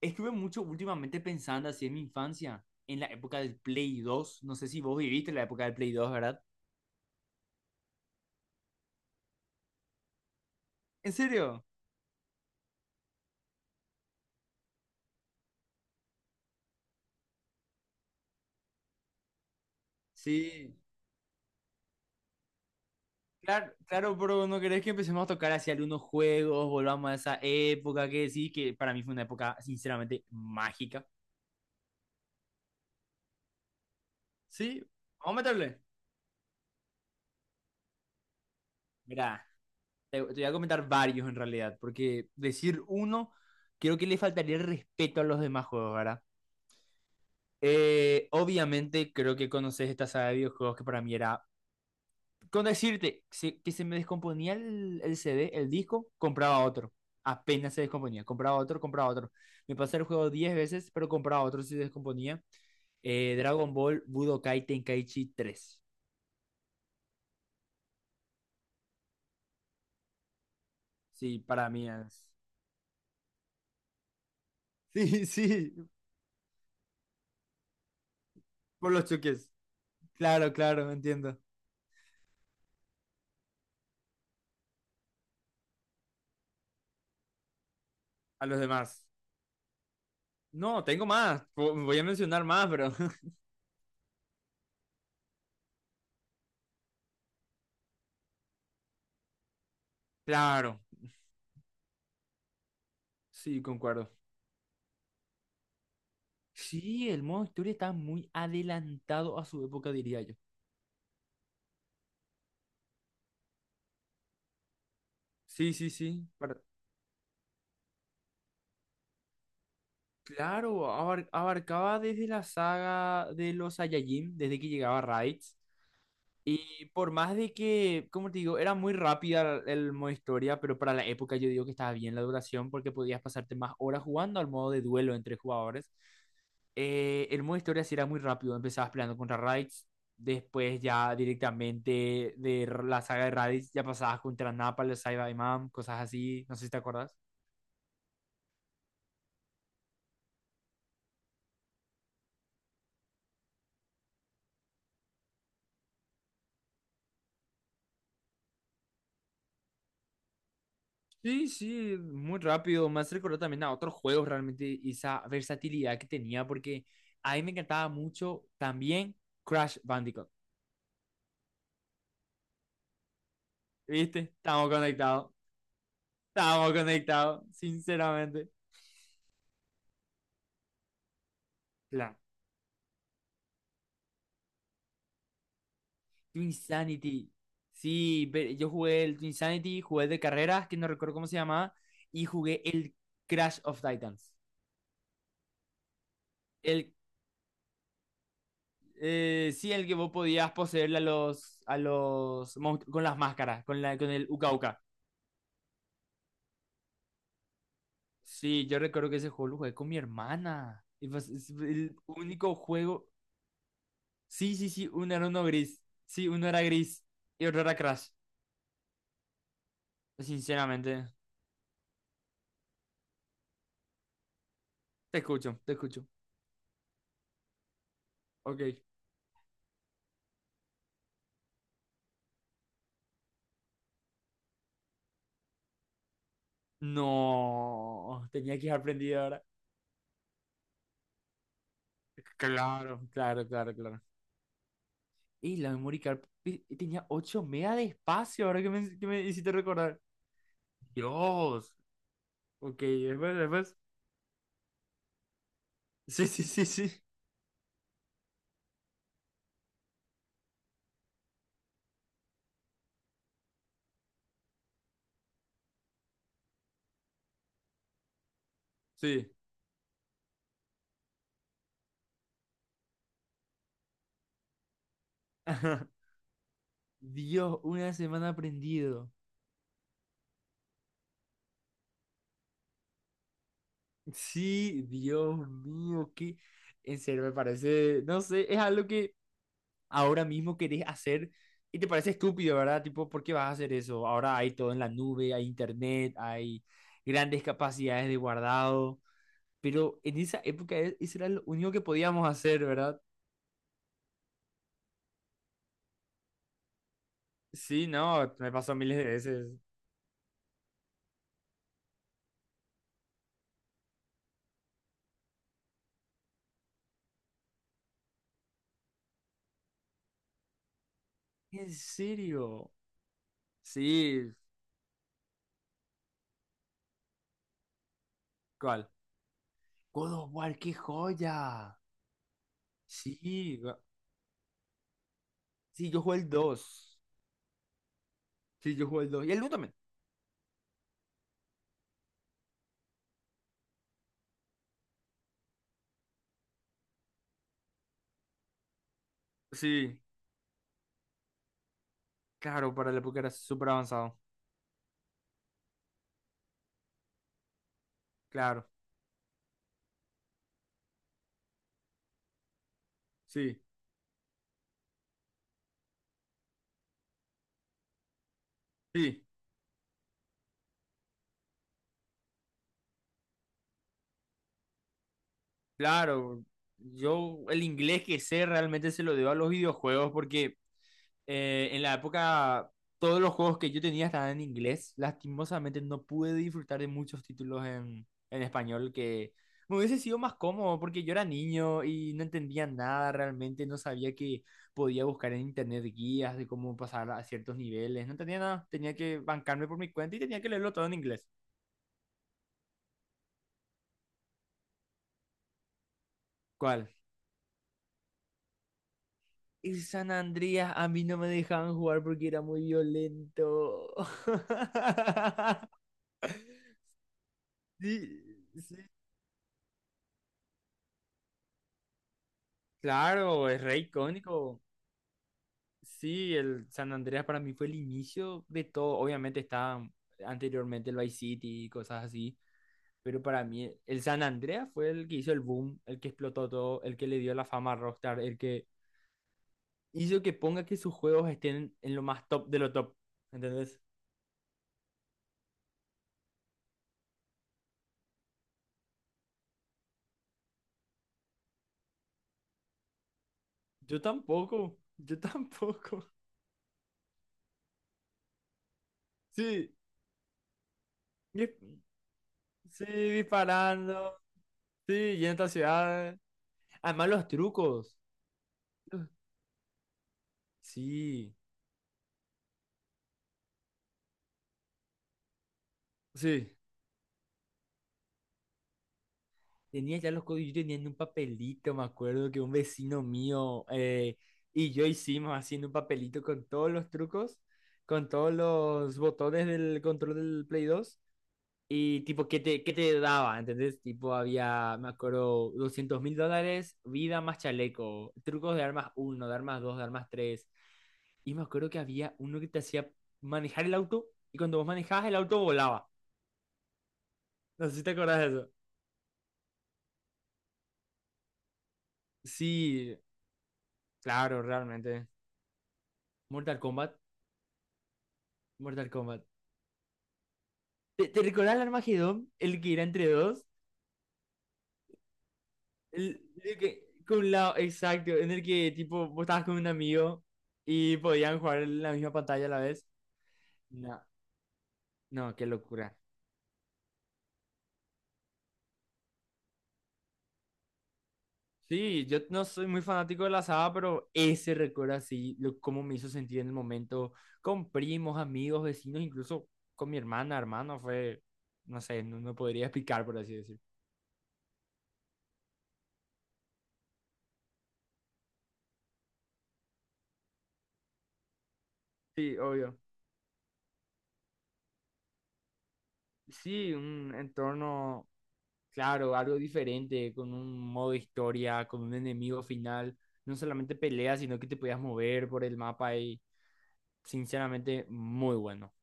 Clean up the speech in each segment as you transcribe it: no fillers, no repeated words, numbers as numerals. Estuve mucho últimamente pensando así en mi infancia, en la época del Play 2. No sé si vos viviste la época del Play 2, ¿verdad? ¿En serio? Sí. Claro, claro, pero no querés que empecemos a tocar hacia algunos juegos, volvamos a esa época que sí, que para mí fue una época sinceramente mágica. Sí, vamos a meterle. Mira, te voy a comentar varios en realidad, porque decir uno, creo que le faltaría el respeto a los demás juegos, ¿verdad? Obviamente creo que conoces esta saga de videojuegos que para mí era, con decirte que se me descomponía el CD, el disco, compraba otro. Apenas se descomponía, compraba otro, compraba otro. Me pasé el juego 10 veces, pero compraba otro si se descomponía. Dragon Ball Budokai Tenkaichi 3. Sí, para mí es. Sí, sí, por los choques. Claro, claro, entiendo. A los demás. No, tengo más. Voy a mencionar más, pero. Claro, sí, concuerdo. Sí, el modo historia está muy adelantado a su época, diría yo. Sí, sí, sí. Claro, abarcaba desde la saga de los Saiyajin, desde que llegaba Raditz. Y por más de que, como te digo, era muy rápida el modo historia, pero para la época yo digo que estaba bien la duración porque podías pasarte más horas jugando al modo de duelo entre jugadores. El modo historia sí era muy rápido, empezabas peleando contra Raditz, después ya directamente la saga de Raditz ya pasabas contra Nappa, los Saiyaman, cosas así, no sé si te acuerdas. Sí, sí, muy rápido. Me hace recordar también a otros juegos realmente esa versatilidad que tenía, porque a mí me encantaba mucho también Crash Bandicoot. ¿Viste? Estamos conectados. Estamos conectados, sinceramente. La Twin. Sí, yo jugué el Twin, jugué el de carreras, que no recuerdo cómo se llamaba, y jugué el Crash of Titans. El, sí, el que vos podías poseer a los monstruos con las máscaras, con la, con el Uka Uka. Sí, yo recuerdo que ese juego lo jugué con mi hermana. Y pues, es el único juego. Sí, sí, sí, uno era uno gris. Sí, uno era gris y otro era Crash. Sinceramente, te escucho, te escucho. Ok. No, tenía que haber aprendido ahora. Claro, claro, claro, claro. Y la memory card tenía 8 mega de espacio, ahora que que me hiciste recordar. Dios. Ok, después, después. Sí, sí, sí, sí. Sí. Dios, una semana aprendido. Sí, Dios mío, que en serio me parece, no sé, es algo que ahora mismo querés hacer y te parece estúpido, ¿verdad? Tipo, ¿por qué vas a hacer eso? Ahora hay todo en la nube, hay internet, hay grandes capacidades de guardado, pero en esa época eso era lo único que podíamos hacer, ¿verdad? Sí, no, me pasó miles de veces. ¿En serio? Sí, ¿cuál? God of War, qué joya. Sí, sí, yo jugué el dos. Sí, yo jugué el dos. Y el uno también. Sí, claro, para la época era súper avanzado. Claro, sí, sí, claro. Yo el inglés que sé realmente se lo debo a los videojuegos porque en la época todos los juegos que yo tenía estaban en inglés. Lastimosamente no pude disfrutar de muchos títulos en español que me hubiese sido más cómodo porque yo era niño y no entendía nada realmente, no sabía que podía buscar en internet guías de cómo pasar a ciertos niveles, no tenía nada, tenía que bancarme por mi cuenta y tenía que leerlo todo en inglés. ¿Cuál? El San Andreas a mí no me dejaban jugar porque era muy violento. Sí, sí, claro, es re icónico. Sí, el San Andreas para mí fue el inicio de todo. Obviamente estaba anteriormente el Vice City y cosas así, pero para mí el San Andreas fue el que hizo el boom, el que explotó todo, el que le dio la fama a Rockstar, el que hizo que ponga que sus juegos estén en lo más top de lo top. ¿Entendés? Yo tampoco, yo tampoco. Sí, di- sí, disparando. Sí, y en esta ciudad. Además, los trucos. los- Sí, sí. Tenía ya los códigos. Yo tenía en un papelito, me acuerdo que un vecino mío y yo hicimos haciendo un papelito con todos los trucos, con todos los botones del control del Play 2. Y tipo, qué te daba? ¿Entendés? Tipo, había, me acuerdo, $200.000, vida más chaleco, trucos de armas uno, de armas dos, de armas tres. Y me acuerdo que había uno que te hacía manejar el auto y cuando vos manejabas el auto volaba. No sé si te acordás de eso. Sí, claro, realmente. Mortal Kombat. Mortal Kombat. ¿Te recordás el Armagedón? El que era entre dos. El que, con la, exacto, en el que tipo vos estabas con un amigo y podían jugar en la misma pantalla a la vez. No, no, qué locura. Sí, yo no soy muy fanático de la asada, pero ese recuerdo así, lo, cómo me hizo sentir en el momento, con primos, amigos, vecinos, incluso con mi hermana, hermano, fue, no sé, no, no podría explicar, por así decir. Sí, obvio. Sí, un entorno, claro, algo diferente, con un modo historia, con un enemigo final, no solamente peleas, sino que te podías mover por el mapa y, sinceramente, muy bueno.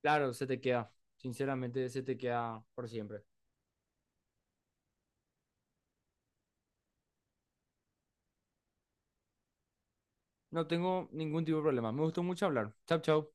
Claro, se te queda, sinceramente, se te queda por siempre. No tengo ningún tipo de problema. Me gustó mucho hablar. Chau, chau.